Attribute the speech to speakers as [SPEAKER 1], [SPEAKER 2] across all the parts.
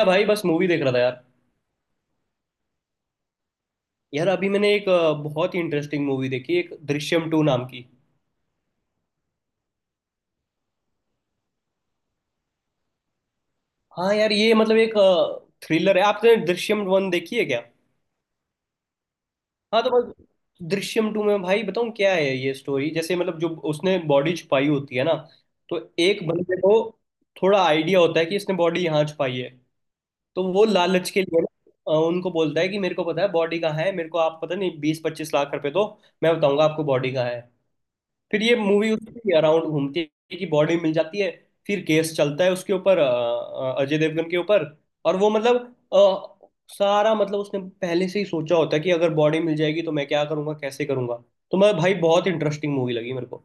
[SPEAKER 1] हाँ भाई, बस मूवी देख रहा था यार। यार, अभी मैंने एक बहुत ही इंटरेस्टिंग मूवी देखी, एक दृश्यम टू नाम की। हाँ यार, ये मतलब एक थ्रिलर है। आपने दृश्यम वन देखी है क्या? हाँ तो बस दृश्यम टू में, भाई बताऊँ क्या है ये स्टोरी। जैसे मतलब जो उसने बॉडी छुपाई होती है ना, तो एक बंदे को थोड़ा आइडिया होता है कि इसने बॉडी यहाँ छुपाई है। तो वो लालच के लिए ना, उनको बोलता है कि मेरे को पता है बॉडी कहाँ है, मेरे को आप पता नहीं 20-25 लाख रुपए दो, मैं बताऊंगा आपको बॉडी कहाँ है। फिर ये मूवी उसके अराउंड घूमती है कि बॉडी मिल जाती है, फिर केस चलता है उसके ऊपर अजय देवगन के ऊपर। और वो मतलब अ, सारा मतलब उसने पहले से ही सोचा होता है कि अगर बॉडी मिल जाएगी तो मैं क्या करूंगा, कैसे करूंगा। तो मैं, भाई बहुत इंटरेस्टिंग मूवी लगी मेरे को।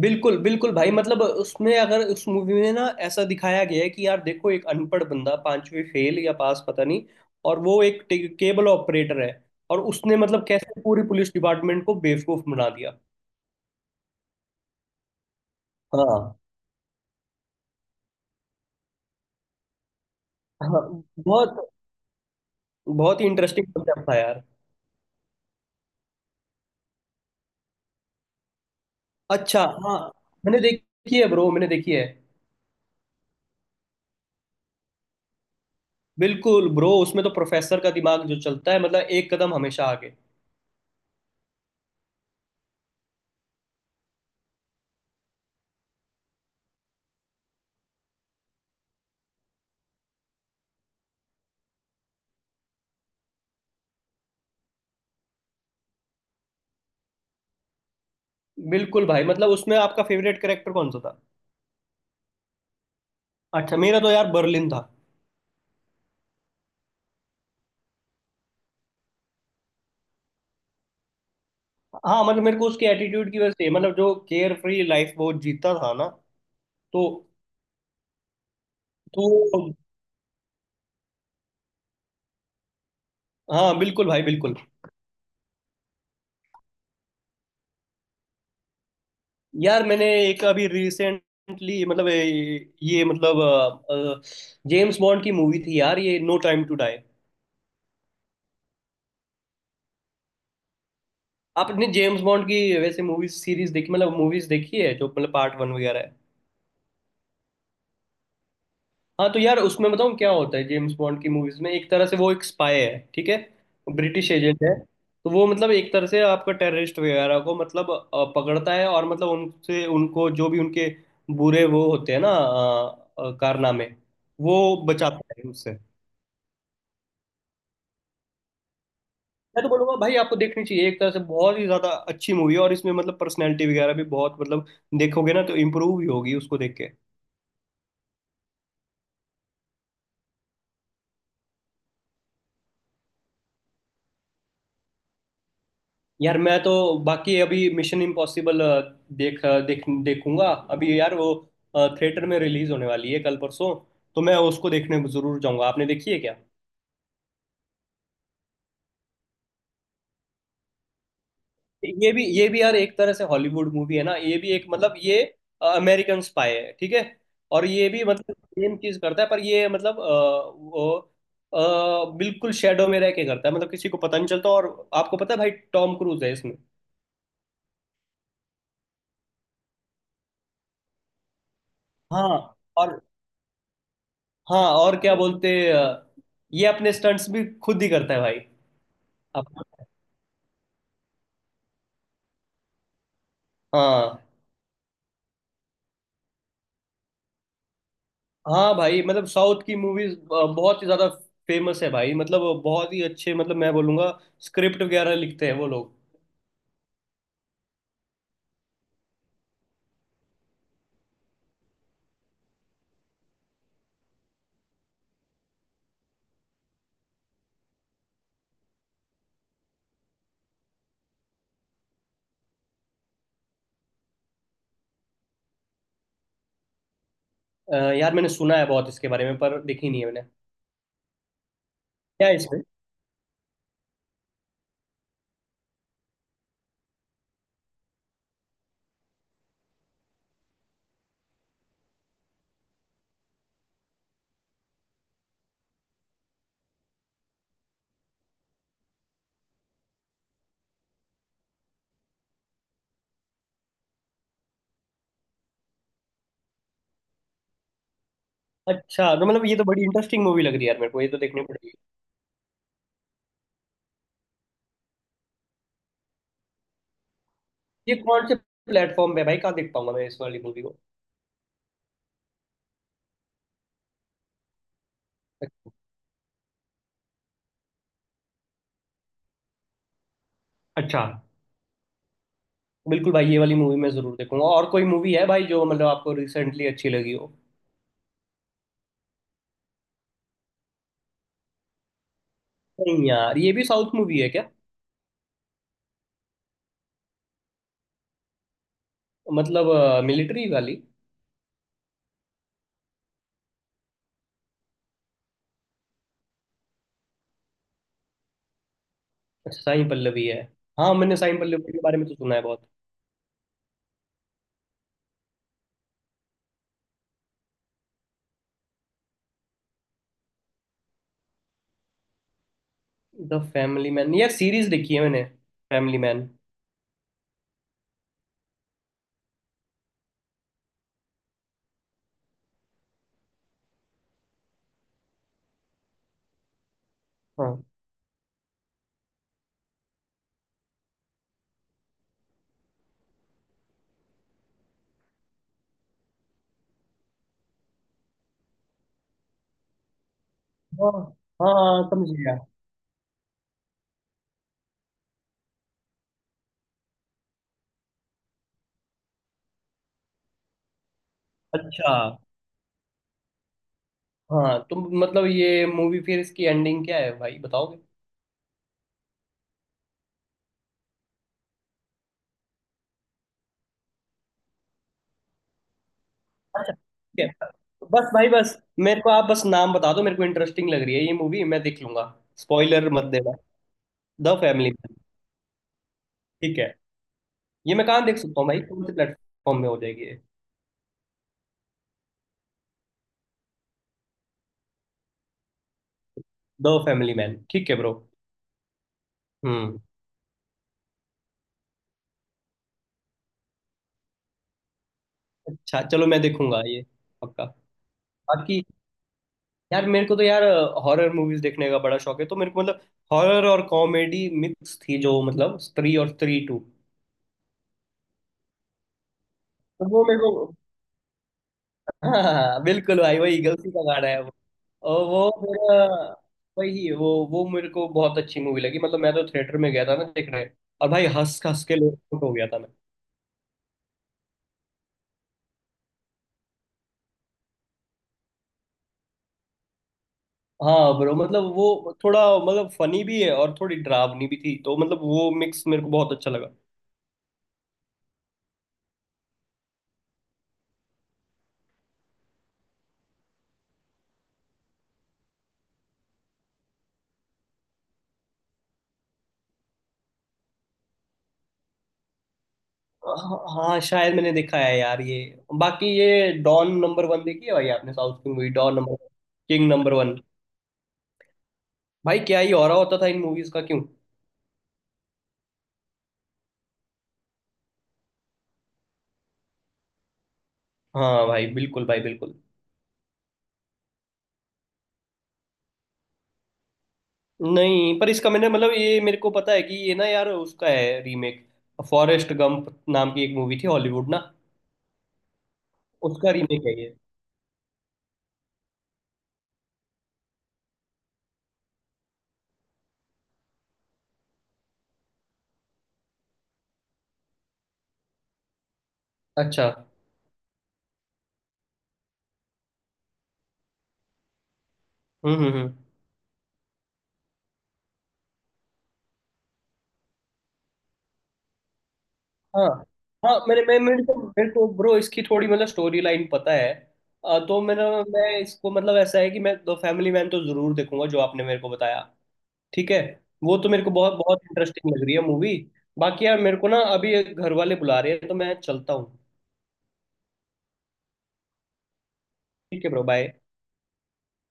[SPEAKER 1] बिल्कुल बिल्कुल भाई, मतलब उसमें अगर उस मूवी में ना ऐसा दिखाया गया है कि यार देखो, एक अनपढ़ बंदा, पांचवी फेल या पास पता नहीं, और वो एक केबल ऑपरेटर है, और उसने मतलब कैसे पूरी पुलिस डिपार्टमेंट को बेवकूफ बना दिया। हाँ हाँ। बहुत, बहुत ही इंटरेस्टिंग कॉन्सेप्ट था यार। अच्छा। हाँ मैंने देखी है ब्रो, मैंने देखी है। बिल्कुल ब्रो, उसमें तो प्रोफेसर का दिमाग जो चलता है मतलब, एक कदम हमेशा आगे। बिल्कुल भाई, मतलब उसमें आपका फेवरेट कैरेक्टर कौन सा था? अच्छा, मेरा तो यार बर्लिन था। हाँ मतलब मेरे को उसके एटीट्यूड की वजह से, मतलब जो केयर फ्री लाइफ वो जीता था ना, तो तो हाँ बिल्कुल भाई बिल्कुल। यार मैंने एक अभी रिसेंटली मतलब ये मतलब जेम्स बॉन्ड की मूवी थी यार, ये नो टाइम टू डाई। आपने जेम्स बॉन्ड की वैसे मूवीज सीरीज देखी, मतलब मूवीज देखी है जो मतलब पार्ट वन वगैरह है? हाँ तो यार, उसमें बताऊँ क्या होता है। जेम्स बॉन्ड की मूवीज में एक तरह से वो एक स्पाई है, ठीक है। ब्रिटिश एजेंट है। तो वो मतलब एक तरह से आपका टेररिस्ट वगैरह को मतलब पकड़ता है, और मतलब उनसे उनको जो भी उनके बुरे वो होते हैं ना कारनामे, वो बचाता है उससे। मैं तो बोलूंगा भाई आपको देखनी चाहिए, एक तरह से बहुत ही ज्यादा अच्छी मूवी है, और इसमें मतलब पर्सनैलिटी वगैरह भी बहुत मतलब, देखोगे ना तो इम्प्रूव ही होगी उसको देख के। यार मैं तो बाकी अभी मिशन इम्पॉसिबल देख देख देखूंगा। अभी यार वो थिएटर में रिलीज होने वाली है कल परसों, तो मैं उसको देखने जरूर जाऊंगा। आपने देखी है क्या? ये भी यार एक तरह से हॉलीवुड मूवी है ना, ये भी एक मतलब, ये अमेरिकन स्पाई है ठीक है। और ये भी मतलब सेम चीज करता है, पर ये मतलब वो बिल्कुल शेडो में रह के करता है, मतलब किसी को पता नहीं चलता। और आपको पता है भाई, टॉम क्रूज है इसमें। हाँ और हाँ और क्या बोलते, ये अपने स्टंट्स भी खुद ही करता है भाई। आप हाँ। हाँ भाई, मतलब साउथ की मूवीज बहुत ही ज्यादा फेमस है भाई, मतलब बहुत ही अच्छे, मतलब मैं बोलूंगा स्क्रिप्ट वगैरह लिखते हैं वो लोग। यार मैंने सुना है बहुत इसके बारे में, पर देखी नहीं है मैंने। क्या है इसमें? अच्छा, तो मतलब ये तो बड़ी इंटरेस्टिंग मूवी लग रही है यार मेरे को, ये तो देखनी पड़ेगी। ये कौन से प्लेटफॉर्म पे है भाई, कहाँ देख पाऊंगा मैं इस वाली मूवी को? अच्छा। बिल्कुल भाई, ये वाली मूवी मैं जरूर देखूंगा, और कोई मूवी है भाई जो मतलब आपको रिसेंटली अच्छी लगी हो? नहीं यार, ये भी साउथ मूवी है क्या? मतलब मिलिट्री वाली? अच्छा, साई पल्लवी है। हाँ मैंने साई पल्लवी के बारे में तो सुना है बहुत। द फैमिली मैन, यार सीरीज देखी है मैंने फैमिली मैन। हाँ हाँ। हाँ समझ गया। अच्छा। हाँ तो मतलब ये मूवी, फिर इसकी एंडिंग क्या है भाई बताओगे? अच्छा ठीक है, बस भाई बस। मेरे को आप बस नाम बता दो, मेरे को इंटरेस्टिंग लग रही है ये मूवी, मैं देख लूंगा। स्पॉइलर मत देना। The family man. ठीक है। ये मैं कहाँ देख सकता हूँ भाई, कौन से प्लेटफॉर्म में हो जाएगी ये? दो फैमिली मैन, ठीक है ब्रो। हम्म। अच्छा चलो, मैं देखूंगा ये। पक्का। बाकी यार, मेरे को तो यार हॉरर मूवीज देखने का बड़ा शौक है, तो मेरे को मतलब हॉरर और कॉमेडी मिक्स थी जो मतलब, स्त्री और स्त्री टू। तो वो मेरे को हाँ हाँ, हाँ, बिल्कुल भाई, वही गलती का गाना है वो। और वो मेरा वही वो मेरे को बहुत अच्छी मूवी लगी, मतलब मैं तो थिएटर में गया था ना देखने, और भाई हंस हंस के लोट हो गया था मैं। हाँ ब्रो, मतलब वो थोड़ा मतलब फनी भी है और थोड़ी डरावनी भी थी, तो मतलब वो मिक्स मेरे को बहुत अच्छा लगा। हाँ शायद मैंने देखा है यार ये। बाकी ये डॉन नंबर वन देखी है भाई आपने? साउथ की movie Don number, king number one, भाई क्या ही हो रहा होता था इन मूवीज का क्यों। हाँ भाई बिल्कुल भाई बिल्कुल। नहीं पर इसका मैंने मतलब, ये मेरे को पता है कि ये ना यार उसका है रीमेक, फॉरेस्ट गंप नाम की एक मूवी थी हॉलीवुड ना, उसका रीमेक है ये। अच्छा। हम्म। हाँ हाँ मैंने मैं मेरे को ब्रो इसकी थोड़ी मतलब स्टोरी लाइन पता है। तो मेरा, मैं इसको मतलब ऐसा है कि मैं द फैमिली मैन तो जरूर देखूंगा जो आपने मेरे को बताया। ठीक है। वो तो मेरे को बहुत बहुत इंटरेस्टिंग लग रही है मूवी। बाकी यार मेरे को ना, अभी घर वाले बुला रहे हैं तो मैं चलता हूँ। ठीक है ब्रो, बाय।